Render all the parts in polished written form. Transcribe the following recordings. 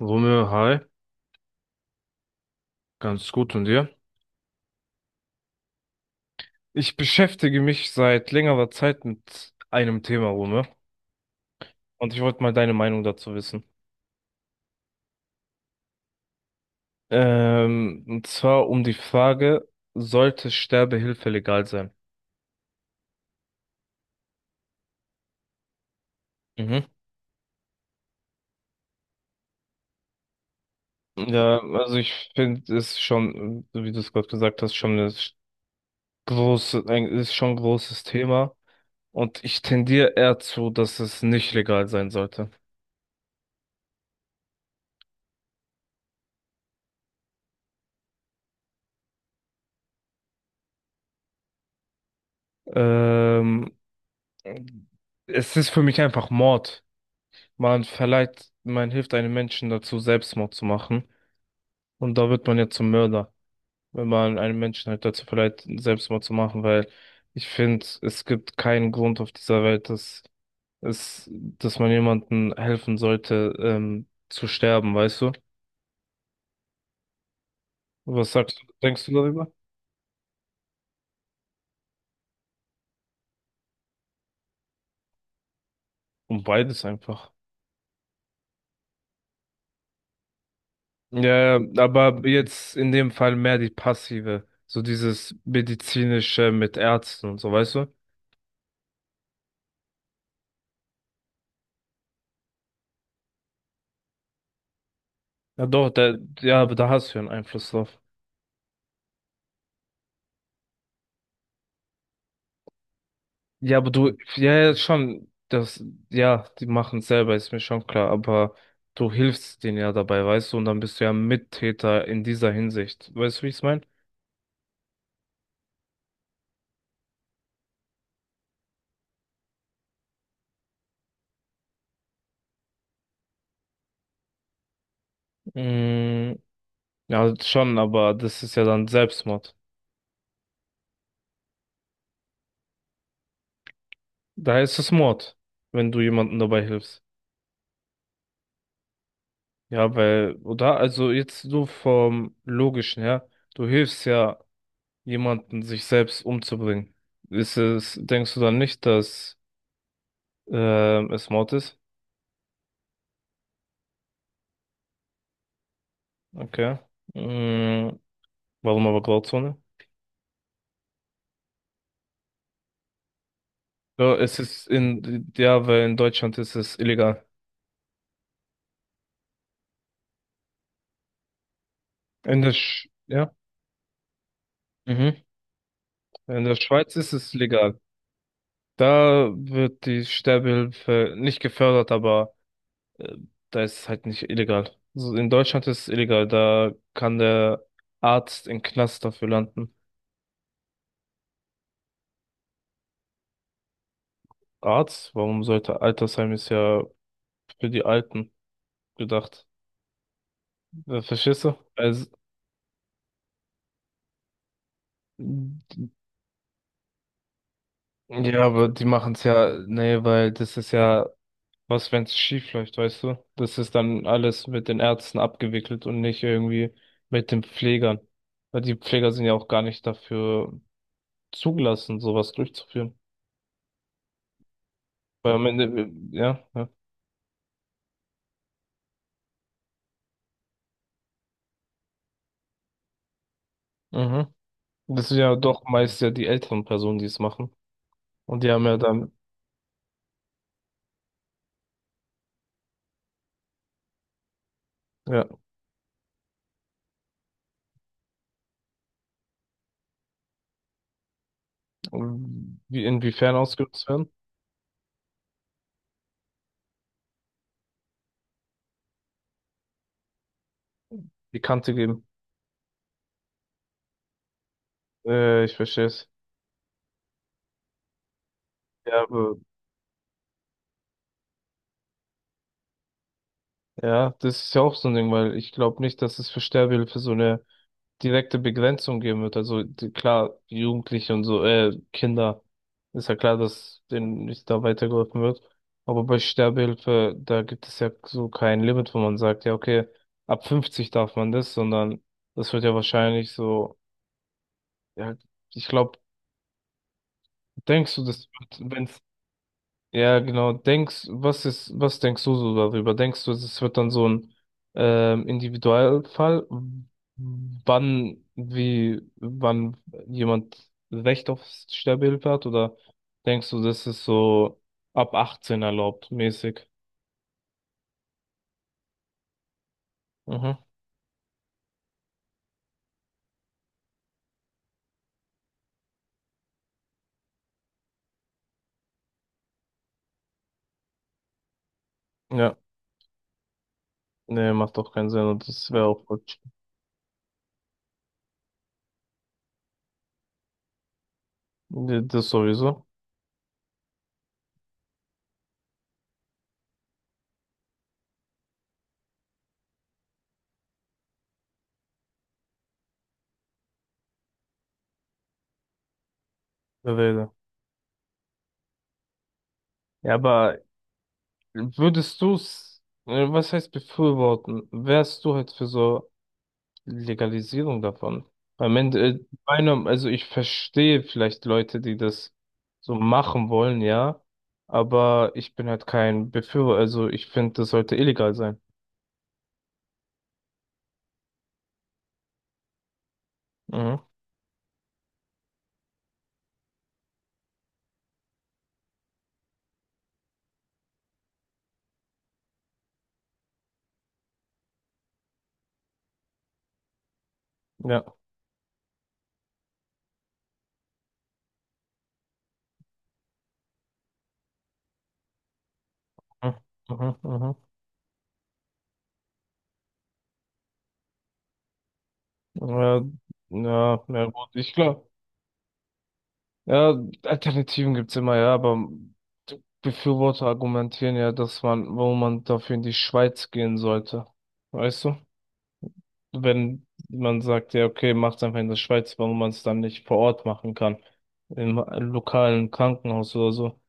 Romeo, hi, ganz gut und dir? Ich beschäftige mich seit längerer Zeit mit einem Thema, Romeo, und ich wollte mal deine Meinung dazu wissen. Und zwar um die Frage, sollte Sterbehilfe legal sein? Mhm. Ja, also ich finde es schon, so wie du es gerade gesagt hast, schon eine große, ein, ist schon ein großes Thema. Und ich tendiere eher zu, dass es nicht legal sein sollte. Ähm, Es ist für mich einfach Mord. Man verleiht, man hilft einem Menschen dazu, Selbstmord zu machen. Und da wird man ja zum Mörder, wenn man einem Menschen halt dazu verleiht, Selbstmord zu machen, weil ich finde, es gibt keinen Grund auf dieser Welt, dass es, dass man jemandem helfen sollte, zu sterben, weißt du? Was sagst du, denkst du darüber? Um beides einfach. Ja, ja, aber jetzt in dem Fall mehr die passive, so dieses medizinische mit Ärzten und so, weißt du? Ja, doch, da, ja, aber da hast du ja einen Einfluss drauf. Ja, aber du, ja, ja, schon, das, ja, die machen es selber, ist mir schon klar, aber du hilfst denen ja dabei, weißt du, und dann bist du ja Mittäter in dieser Hinsicht. Weißt du, wie ich es meine? Mm, ja, schon, aber das ist ja dann Selbstmord. Da ist es Mord, wenn du jemandem dabei hilfst. Ja, weil, oder? Also jetzt so vom Logischen her, du hilfst ja jemanden, sich selbst umzubringen. Ist es, denkst du dann nicht, dass es Mord ist? Okay. Mm, warum aber Grauzone? Ja, es ist in, ja, weil in Deutschland ist es illegal. In der, Sch ja, mhm. In der Schweiz ist es legal. Da wird die Sterbehilfe nicht gefördert, aber äh, da ist es halt nicht illegal. Also in Deutschland ist es illegal, da kann der Arzt im Knast dafür landen. Arzt? Warum sollte Altersheim ist ja für die Alten gedacht. Verstehst du? Also, ja, aber die machen es ja, nee, weil das ist ja was, wenn es schief läuft, weißt du? Das ist dann alles mit den Ärzten abgewickelt und nicht irgendwie mit den Pflegern. Weil die Pfleger sind ja auch gar nicht dafür zugelassen, sowas durchzuführen. Weil am Ende, ja, ja. Mhm. Das sind ja doch meist ja die älteren Personen, die es machen. Und die haben ja dann, ja, wie inwiefern ausgenutzt werden? Die Kante geben. Ich verstehe es. Ja, aber, ja, das ist ja auch so ein Ding, weil ich glaube nicht, dass es für Sterbehilfe so eine direkte Begrenzung geben wird. Also die, klar, Jugendliche und so, Kinder, ist ja klar, dass denen nicht da weitergeholfen wird. Aber bei Sterbehilfe, da gibt es ja so kein Limit, wo man sagt, ja, okay, ab 50 darf man das, sondern das wird ja wahrscheinlich so, ja, ich glaube, denkst du, das wird, wenn ja, genau. Denkst, was ist, was denkst du so darüber? Denkst du, es wird dann so ein Individualfall, wann, wie, wann jemand Recht auf Sterbehilfe hat? Oder denkst du, das ist so ab 18 erlaubt, mäßig? Mhm. Ja, nee, macht doch keinen Sinn und das wäre auch falsch. Nee, das sowieso. Rede. Ja, aber würdest du's, was heißt befürworten? Wärst du halt für so Legalisierung davon. Am Ende, meiner, also ich verstehe vielleicht Leute, die das so machen wollen, ja, aber ich bin halt kein Befürworter, also ich finde, das sollte illegal sein. Mhm. Ja. Mhm. Mhm. Mhm. Ja, ja, ja, gut, ich glaube, ja, Alternativen gibt's immer, ja, aber Befürworter argumentieren ja, dass man, wo man dafür in die Schweiz gehen sollte. Weißt du? Wenn man sagt, ja, okay, macht's einfach in der Schweiz, warum man es dann nicht vor Ort machen kann. Im lokalen Krankenhaus oder so.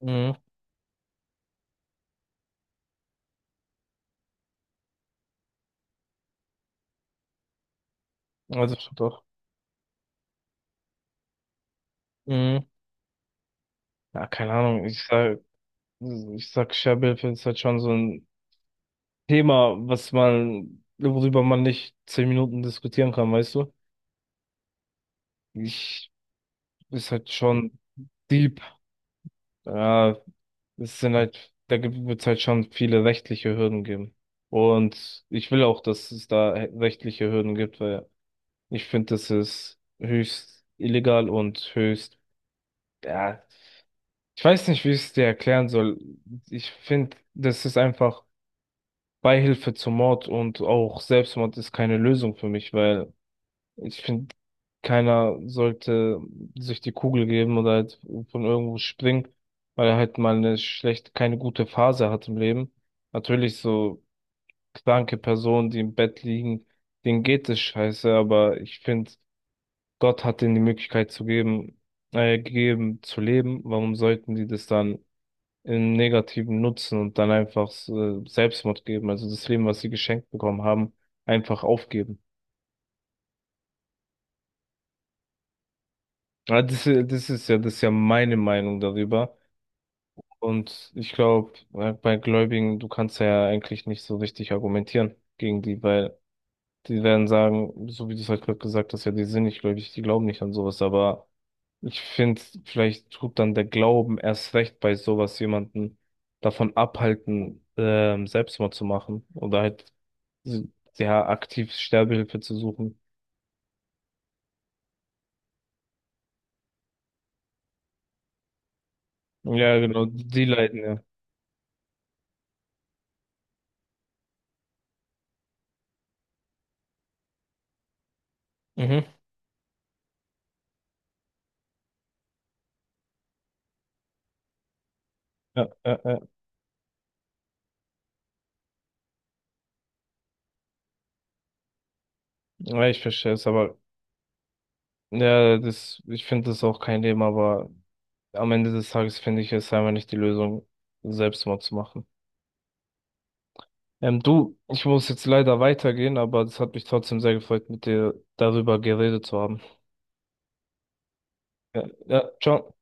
Mhm. Also schon doch. Mhm. Ja, keine Ahnung. Ich sag, Sterbehilfe ist halt schon so ein Thema, was man, worüber man nicht 10 Minuten diskutieren kann, weißt du? Ich, ist halt schon deep. Ja, es sind halt, da wird es halt schon viele rechtliche Hürden geben. Und ich will auch, dass es da rechtliche Hürden gibt, weil ich finde, das ist höchst illegal und höchst, ja, ich weiß nicht, wie ich es dir erklären soll. Ich finde, das ist einfach Beihilfe zum Mord und auch Selbstmord ist keine Lösung für mich, weil ich finde, keiner sollte sich die Kugel geben oder halt von irgendwo springen, weil er halt mal eine schlecht, keine gute Phase hat im Leben. Natürlich so kranke Personen, die im Bett liegen, denen geht es scheiße, aber ich finde, Gott hat ihnen die Möglichkeit zu geben, gegeben zu leben. Warum sollten die das dann im Negativen nutzen und dann einfach Selbstmord geben? Also das Leben, was sie geschenkt bekommen haben, einfach aufgeben. Ja, das, i- das ist ja meine Meinung darüber. Und ich glaube, bei Gläubigen, du kannst ja eigentlich nicht so richtig argumentieren gegen die, weil die werden sagen, so wie du es halt gerade gesagt hast, ja, die sind nicht gläubig, die glauben nicht an sowas, aber ich finde, vielleicht tut dann der Glauben erst recht bei sowas jemanden davon abhalten, Selbstmord zu machen oder halt s- ja aktiv Sterbehilfe zu suchen. Ja, genau, die leiden ja. Mhm. Ja, ja, ja. Ja, ich verstehe es, aber ja, das, ich finde das auch kein Thema, aber am Ende des Tages finde ich es einfach nicht die Lösung, Selbstmord zu machen. Du, ich muss jetzt leider weitergehen, aber es hat mich trotzdem sehr gefreut, mit dir darüber geredet zu haben. Ja, ja, ciao.